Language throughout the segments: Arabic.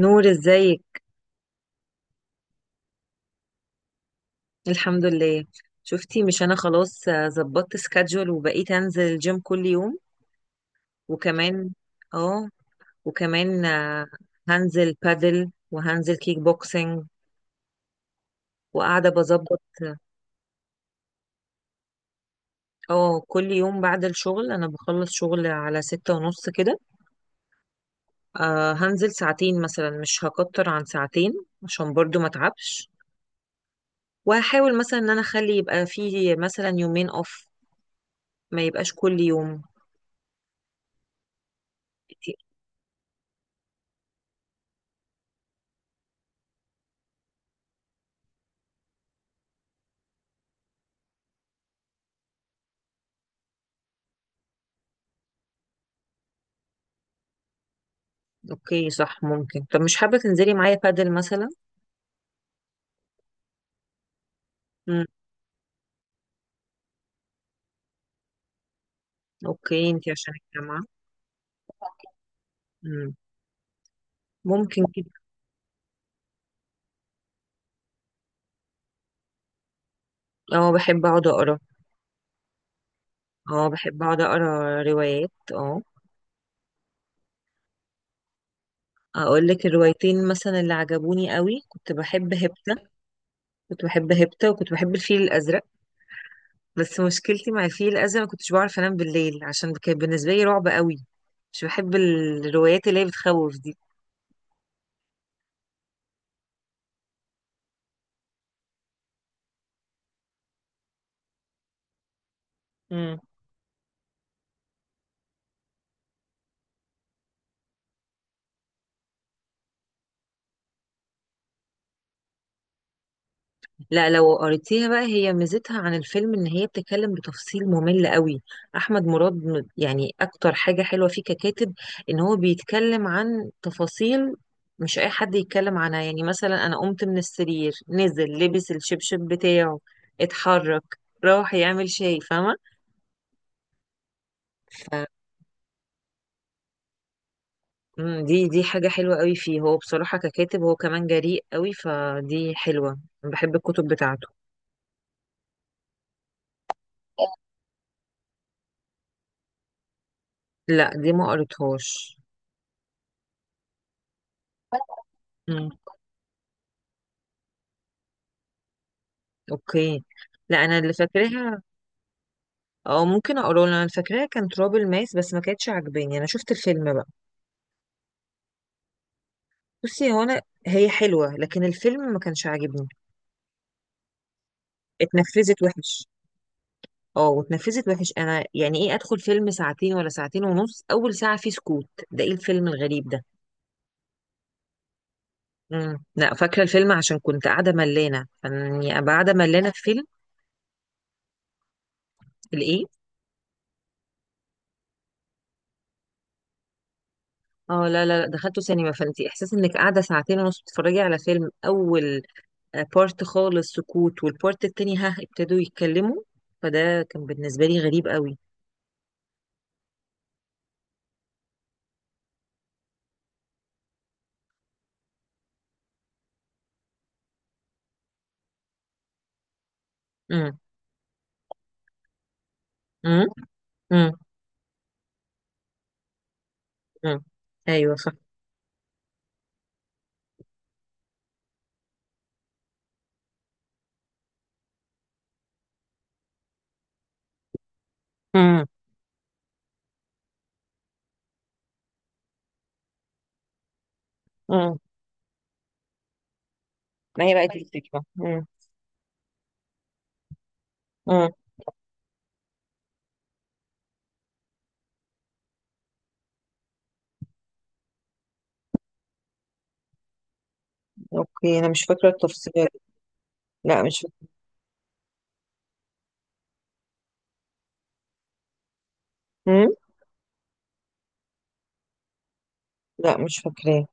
نور ازيك؟ الحمد لله. شفتي مش انا خلاص ظبطت سكادجول وبقيت انزل الجيم كل يوم وكمان. اه، وكمان هنزل بادل وهنزل كيك بوكسينج وقاعدة بظبط. اه، كل يوم بعد الشغل انا بخلص شغل على 6:30 كده. آه، هنزل ساعتين مثلا، مش هكتر عن ساعتين عشان برضو ما اتعبش. وهحاول مثلا ان انا اخلي يبقى فيه مثلا يومين اوف، ما يبقاش كل يوم. اوكي صح، ممكن. طب مش حابة تنزلي معايا بادل مثلا؟ امم، اوكي انتي عشان الجامعة. امم، ممكن كده. اه، بحب اقعد اقرا. اه، بحب اقعد اقرا روايات. اه، اقول لك الروايتين مثلا اللي عجبوني قوي؟ كنت بحب هبتة، كنت بحب هبتة وكنت بحب الفيل الازرق. بس مشكلتي مع الفيل الازرق، ما كنتش بعرف انام بالليل عشان كان بالنسبة لي رعب قوي. مش بحب الروايات اللي هي بتخوف دي. لا، لو قريتيها بقى هي ميزتها عن الفيلم ان هي بتتكلم بتفصيل ممل قوي. احمد مراد يعني اكتر حاجة حلوة فيه ككاتب ان هو بيتكلم عن تفاصيل مش اي حد يتكلم عنها. يعني مثلا انا قمت من السرير، نزل لبس الشبشب بتاعه، اتحرك، راح يعمل شاي، فاهمة. ف- دي حاجة حلوة قوي فيه. هو بصراحة ككاتب، هو كمان جريء قوي فدي حلوة. أنا بحب الكتب بتاعته. لا دي ما قريتهاش. مم. اوكي. لا انا اللي فاكراها. او ممكن اقوله لك. انا فاكراها كان تراب الماس بس ما كانتش عاجباني، انا شفت الفيلم بقى. بصي هو انا، هي حلوه لكن الفيلم ما كانش عاجبني، اتنفذت وحش. اه، واتنفذت وحش. انا يعني ايه ادخل فيلم ساعتين ولا ساعتين ونص، اول ساعه فيه سكوت؟ ده ايه الفيلم الغريب ده؟ امم، لا فاكره الفيلم عشان كنت قاعده ملانه. يعني ابقى قاعده ملانه في فيلم؟ الايه؟ اه لا لا لا، دخلته سينما، فانت احساس انك قاعده ساعتين ونص بتتفرجي على فيلم، اول بارت خالص سكوت والبارت التاني ها ابتدوا يتكلموا. فده كان بالنسبة لي غريب قوي. امم. امم. امم. امم. ايوه صح. امم. امم. ما هي بقى دي الفكرة. امم. امم. اوكي انا مش فاكرة التفصيلات. لا مش فاكرة. امم. لا مش فاكراه.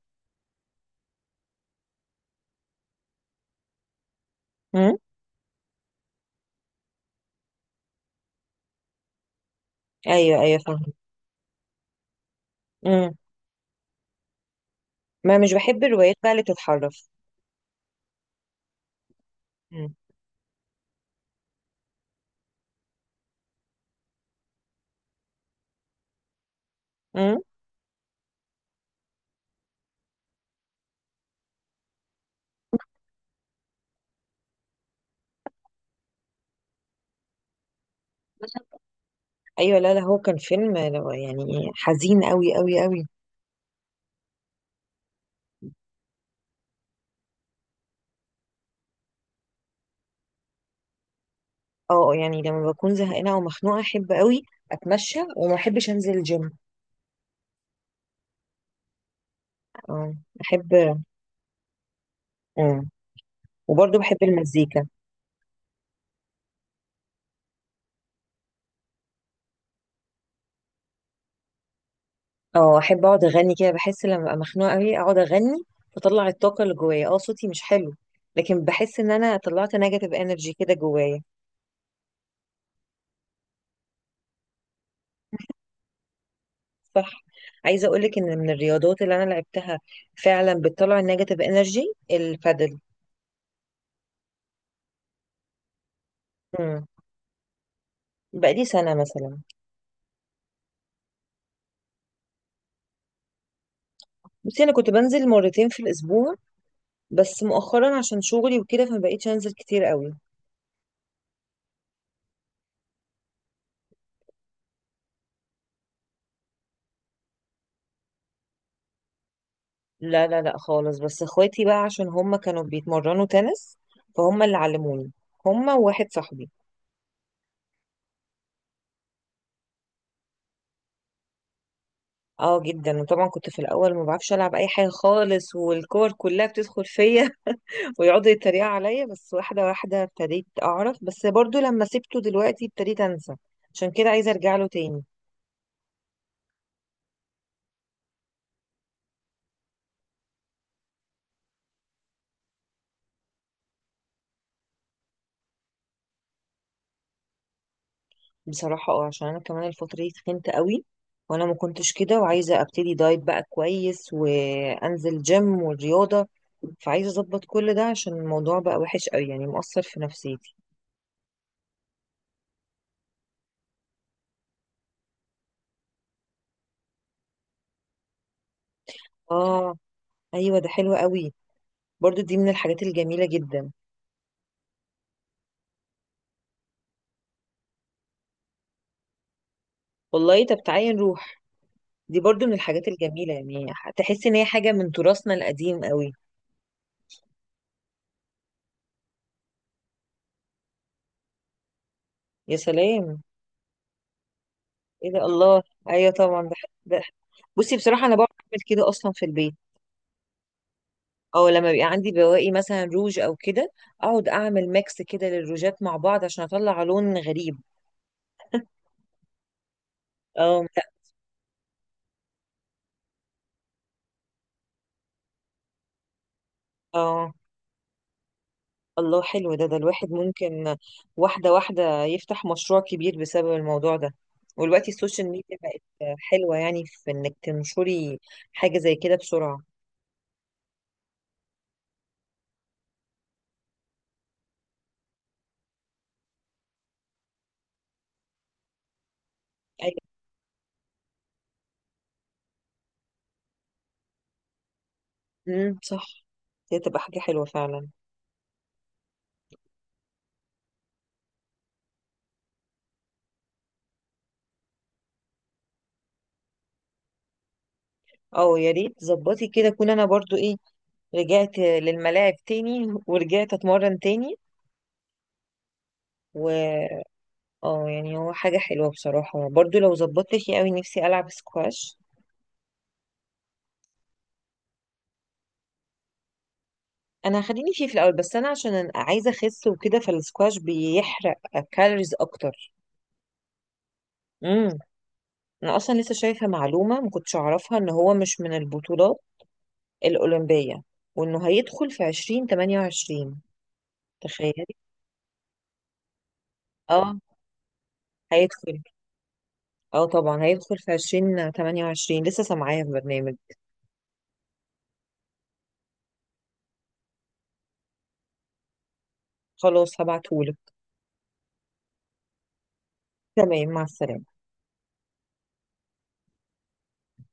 امم. ايوه ايوه فاهمة. امم. ما مش بحب الروايات بقى اللي بتتحرف. امم. امم. ايوه لا لا، هو كان فيلم يعني حزين قوي قوي قوي. اه، يعني لما بكون زهقانة او مخنوقة، احب قوي اتمشى وما احبش انزل الجيم. اه، احب. اه، وبرضه بحب المزيكا. اه، احب اقعد اغني كده. بحس لما ابقى مخنوقه قوي اقعد اغني، بطلع الطاقه اللي جوايا. اه، صوتي مش حلو لكن بحس ان انا طلعت نيجاتيف انرجي كده جوايا. صح. عايزه اقول لك ان من الرياضات اللي انا لعبتها فعلا بتطلع النيجاتيف انرجي، البادل. امم. بقالي سنه مثلا. بصي انا كنت بنزل مرتين في الاسبوع، بس مؤخرا عشان شغلي وكده فما بقيتش انزل كتير قوي. لا لا لا خالص، بس اخواتي بقى عشان هم كانوا بيتمرنوا تنس فهم اللي علموني، هم وواحد صاحبي. اه جدا. وطبعا كنت في الاول ما بعرفش العب اي حاجه خالص والكور كلها بتدخل فيا ويقعدوا يتريقوا عليا، بس واحده واحده ابتديت اعرف. بس برضو لما سبته دلوقتي ابتديت انسى، عشان كده عايزه ارجع له تاني. بصراحة اه، عشان انا كمان الفترة دي تخنت قوي، وانا ما كنتش كده، وعايزة ابتدي دايت بقى كويس وانزل جيم والرياضة. فعايزة اظبط كل ده، عشان الموضوع بقى وحش قوي، يعني مؤثر في نفسيتي. اه. ايوه ده حلو قوي، برضو دي من الحاجات الجميلة جدا. والله، طب تعالي نروح، دي برضو من الحاجات الجميلة يعني. تحس ان هي حاجة من تراثنا القديم قوي. يا سلام. ايه ده، الله. ايوه طبعا ده. بصي بصراحة انا بعرف اعمل كده اصلا في البيت، او لما بيبقى عندي بواقي مثلا روج او كده اقعد اعمل ميكس كده للروجات مع بعض عشان اطلع لون غريب. اه. لا. اه. الله حلو ده. الواحد ممكن واحده واحده يفتح مشروع كبير بسبب الموضوع ده. ودلوقتي السوشيال ميديا بقت حلوه، يعني في انك تنشري حاجه زي كده بسرعه. ايوه. صح، دي تبقى حاجه حلوه فعلا. اه يا ريت ظبطي كده، اكون انا برضو ايه، رجعت للملاعب تاني ورجعت اتمرن تاني. و اه، يعني هو حاجة حلوة بصراحة. برضو لو ظبطت فيه قوي، نفسي ألعب سكواش. أنا هخليني فيه في الأول، بس أنا عشان أنا عايزة أخس وكده، فالسكواش بيحرق كالوريز أكتر. امم. أنا أصلا لسه شايفة معلومة ما كنتش أعرفها، إن هو مش من البطولات الأولمبية وإنه هيدخل في 2028. تخيلي. اه هيدخل. اه طبعا هيدخل في 2028، لسه سامعاها في برنامج. خلاص هبعتهولك. تمام، مع السلامة.